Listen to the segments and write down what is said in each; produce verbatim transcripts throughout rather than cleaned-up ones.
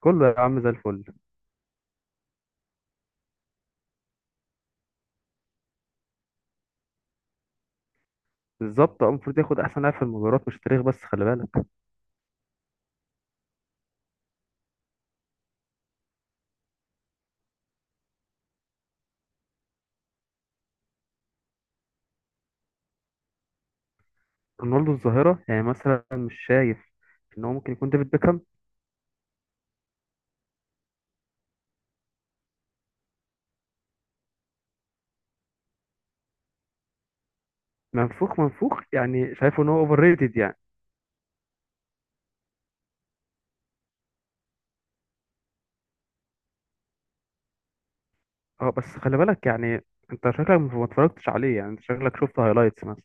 كله يا عم زي الفل. بالظبط اه المفروض ياخد احسن لاعب في المجرات مش تاريخ بس خلي بالك. رونالدو الظاهره يعني مثلا مش شايف ان هو ممكن يكون ديفيد بيكهام؟ منفوخ منفوخ يعني شايفه ان هو اوفر ريتد يعني. اه بس خلي بالك يعني انت شكلك ما اتفرجتش عليه، يعني انت شكلك شفت هايلايتس مثلا.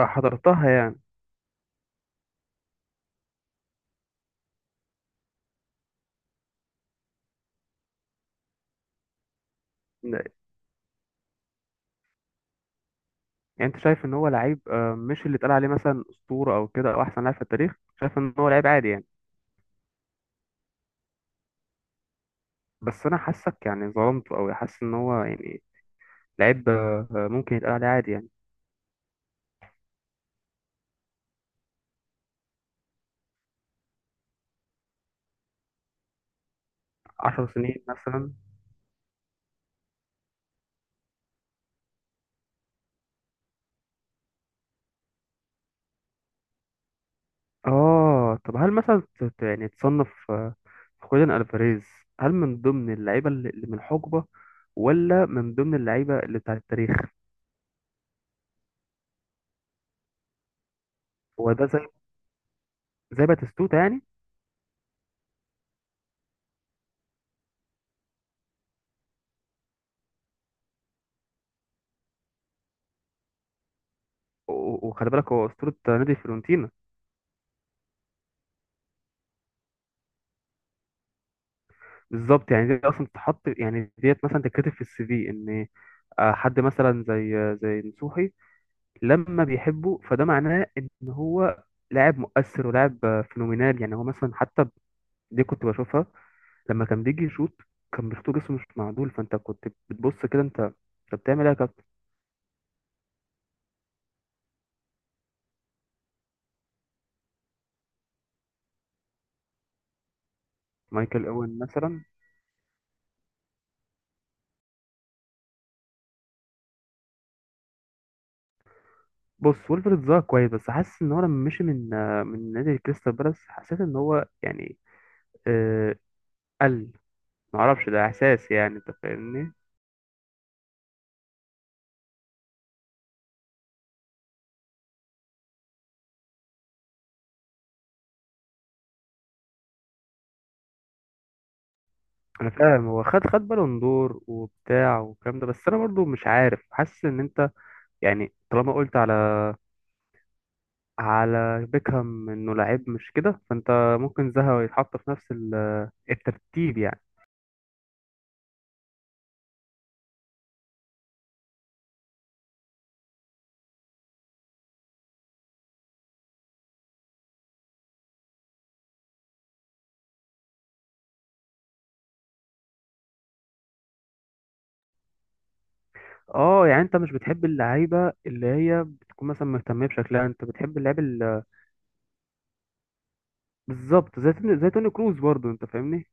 اه حضرتها يعني. يعني انت شايف ان هو لعيب، اه، مش اللي اتقال عليه مثلا اسطوره او كده او احسن لاعب في التاريخ؟ شايف ان هو لعيب عادي يعني. بس انا حاسك يعني ظلمته او حاسس ان هو يعني لعيب، اه، ممكن يتقال عليه عادي يعني. عشر سنين مثلا. اه طب هل مثلا ت- ت- يعني تصنف آه، خوليان الفاريز، هل من ضمن اللعيبه اللي اللي من الحقبه، ولا من ضمن اللعيبه اللي بتاع التاريخ؟ هو ده زي زي باتيستوتا يعني. و- و- وخلي بالك هو اسطوره نادي فيورنتينا. بالظبط، يعني دي اصلا تتحط يعني ديت مثلا تتكتب في السي في ان. آه، حد مثلا زي آه، زي نصوحي لما بيحبه فده معناه ان هو لاعب مؤثر ولاعب آه، فينومينال. يعني هو مثلا حتى دي كنت بشوفها لما كان بيجي يشوط، كان بيشوط جسمه مش معدول، فانت كنت بتبص كده. انت انت بتعمل ايه يا كابتن؟ مايكل اوين مثلا. بص ويلفرد ظهر كويس بس حاسس ان هو لما مشي من آه، من نادي كريستال بالاس حسيت ان هو يعني آه قل، معرفش ده احساس يعني، انت فاهمني. انا فاهم، هو خد خد بالون دور وبتاع والكلام ده، بس انا برضو مش عارف حاسس ان انت يعني طالما قلت على على بيكهام انه لعيب مش كده، فانت ممكن زها يتحط في نفس ال- الترتيب يعني. اه يعني انت مش بتحب اللعيبه اللي هي بتكون مثلا مهتمه بشكلها، انت بتحب اللعيب ال- بالظبط، زي توني زي توني كروز برضو، انت فاهمني.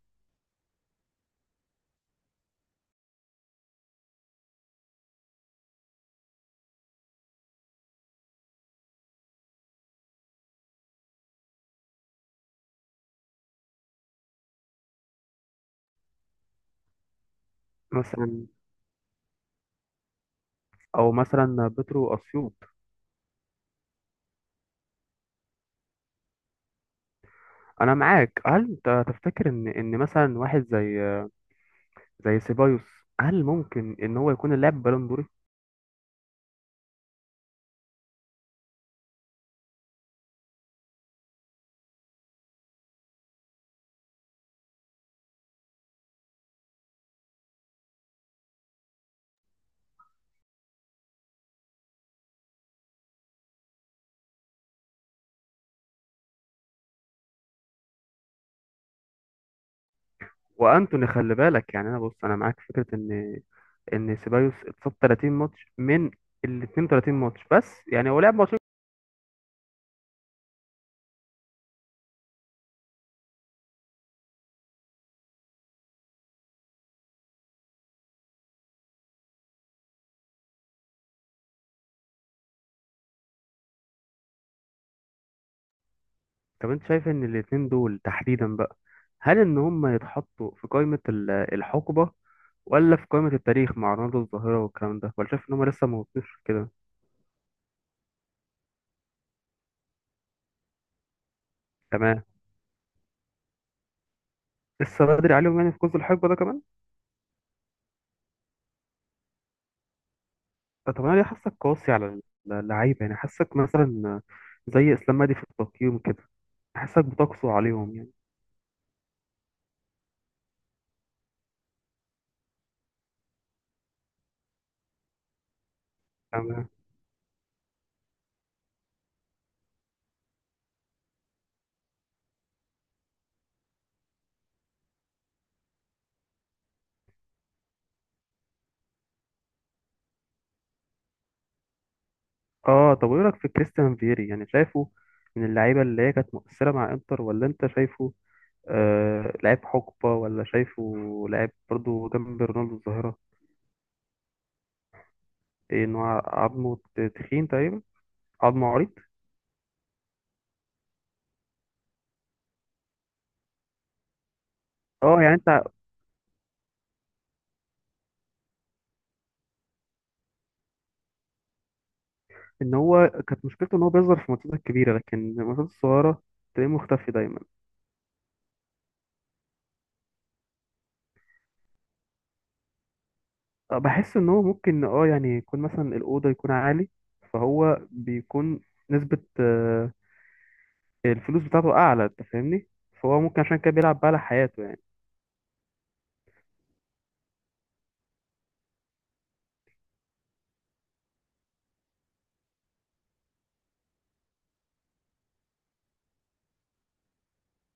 مثلا او مثلا بيترو اسيوط. انا معاك. هل انت تفتكر ان ان مثلا واحد زي زي سيبايوس هل ممكن ان هو يكون اللاعب بالون دوري؟ وانتوني خلي بالك يعني. انا بص انا معاك في فكره ان ان سيبايوس اتصاب تلاتين ماتش من ال اتنين وتلاتين ماتش، بس يعني هو لعب ماتش. طب انت شايف ان الاتنين دول تحديدا بقى، هل ان هم يتحطوا في قائمة ال- الحقبة، ولا في قائمة التاريخ مع رونالدو الظاهرة والكلام ده، ولا شايف ان هم لسه ما وصلوش كده؟ تمام. لسه بدري عليهم يعني في قوس الحقبة ده كمان. آه، طب انا ليه حاسك قاسي على اللعيبة؟ يعني حاسك مثلا زي اسلام مهدي في التقييم كده، حاسك بتقسو عليهم يعني. تمام. اه طب وايه رايك في كريستيان فيري؟ يعني شايفه من اللعيبة اللي هي كانت مؤثرة مع انتر، ولا انت شايفه آه، لعيب حقبة، ولا شايفه لعيب برضو جنب رونالدو الظاهرة؟ إيه، إن هو عظمه تخين تقريبا، عظمه عريض. اه يعني انت. ان هو كانت مشكلته ان هو بيظهر في الماتشات الكبيرة لكن الماتشات الصغيرة تلاقيه مختفي دايما. آه، بحس ان هو ممكن اه يعني يكون مثلا الأوضة يكون عالي، فهو بيكون نسبة آه، الفلوس بتاعته أعلى، أنت فاهمني، فهو ممكن عشان كده بيلعب بقى على حياته يعني.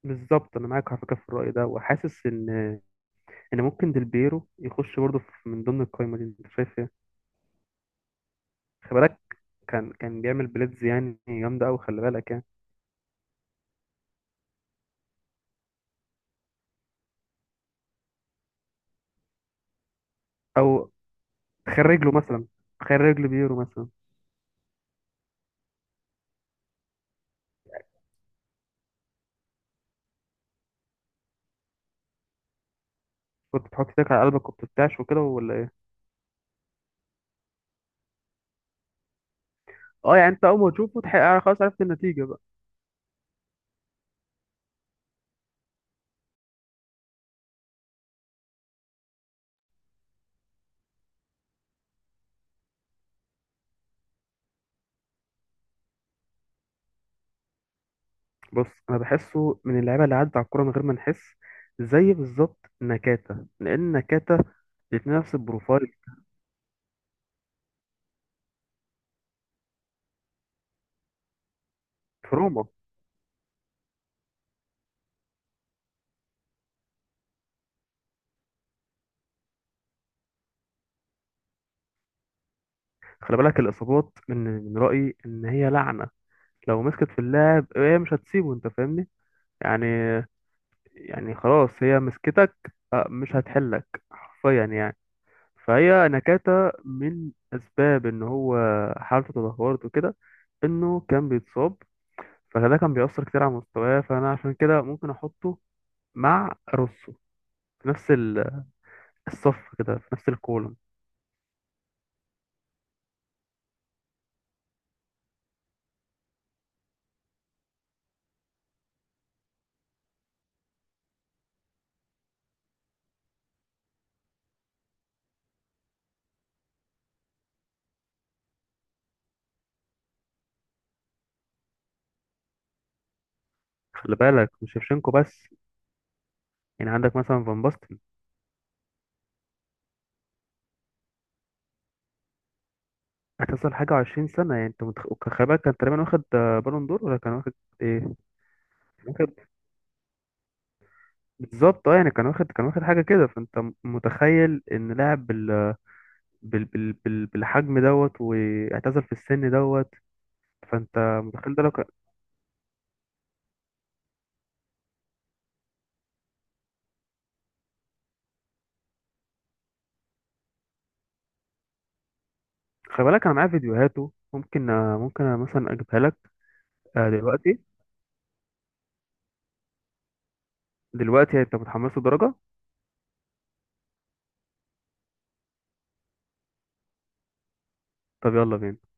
بالظبط أنا معاك على فكرة في الرأي ده، وحاسس إن يعني ممكن ديلبيرو يخش برضه في- من ضمن القايمة دي، انت شايف ايه؟ خلي بالك كان كان بيعمل بليدز يعني جامدة أوي، خلي بالك يعني. أو تخيل رجله مثلا، تخيل رجل بيرو مثلا. كنت بتحط ايدك على قلبك وبترتعش وكده ولا ايه؟ اه يعني انت اول ما تشوفه تحقق خلاص عرفت النتيجة بقى. بص انا بحسه من اللعيبة اللي عدى على الكورة من غير ما نحس، زي بالظبط نكاتا، لان نكاتا الاتنين نفس البروفايل. في روما. خلي بالك الإصابات، من من رأيي إن هي لعنة، لو مسكت في اللاعب هي مش هتسيبه، أنت فاهمني. يعني يعني خلاص هي مسكتك، آه، مش هتحلك حرفيا يعني. فهي نكاتة من أسباب إن هو حالته تدهورت وكده، إنه كان بيتصاب، فده كان بيأثر كتير على مستواه، فأنا عشان كده ممكن أحطه مع روسو في نفس ال- الصف كده، في نفس الكولوم. خلي بالك مش شيفشينكو بس، يعني عندك مثلا فان باستن. هتصل حاجة وعشرين سنة يعني، أنت متخ... خلي بالك كان تقريبا واخد آه، بالون دور ولا كان واخد إيه؟ واخد. بالظبط اه يعني كان واخد، كان واخد حاجه كده، فانت م- متخيل ان لاعب بال... بال... بال... بال... بالحجم دوت واعتزل في السن دوت؟ فانت متخيل ده لو كان. خلي بالك انا معايا فيديوهاته، ممكن ممكن أنا مثلا اجيبها لك. آه، دلوقتي؟ دلوقتي يعني انت متحمس درجه. طب يلا بينا.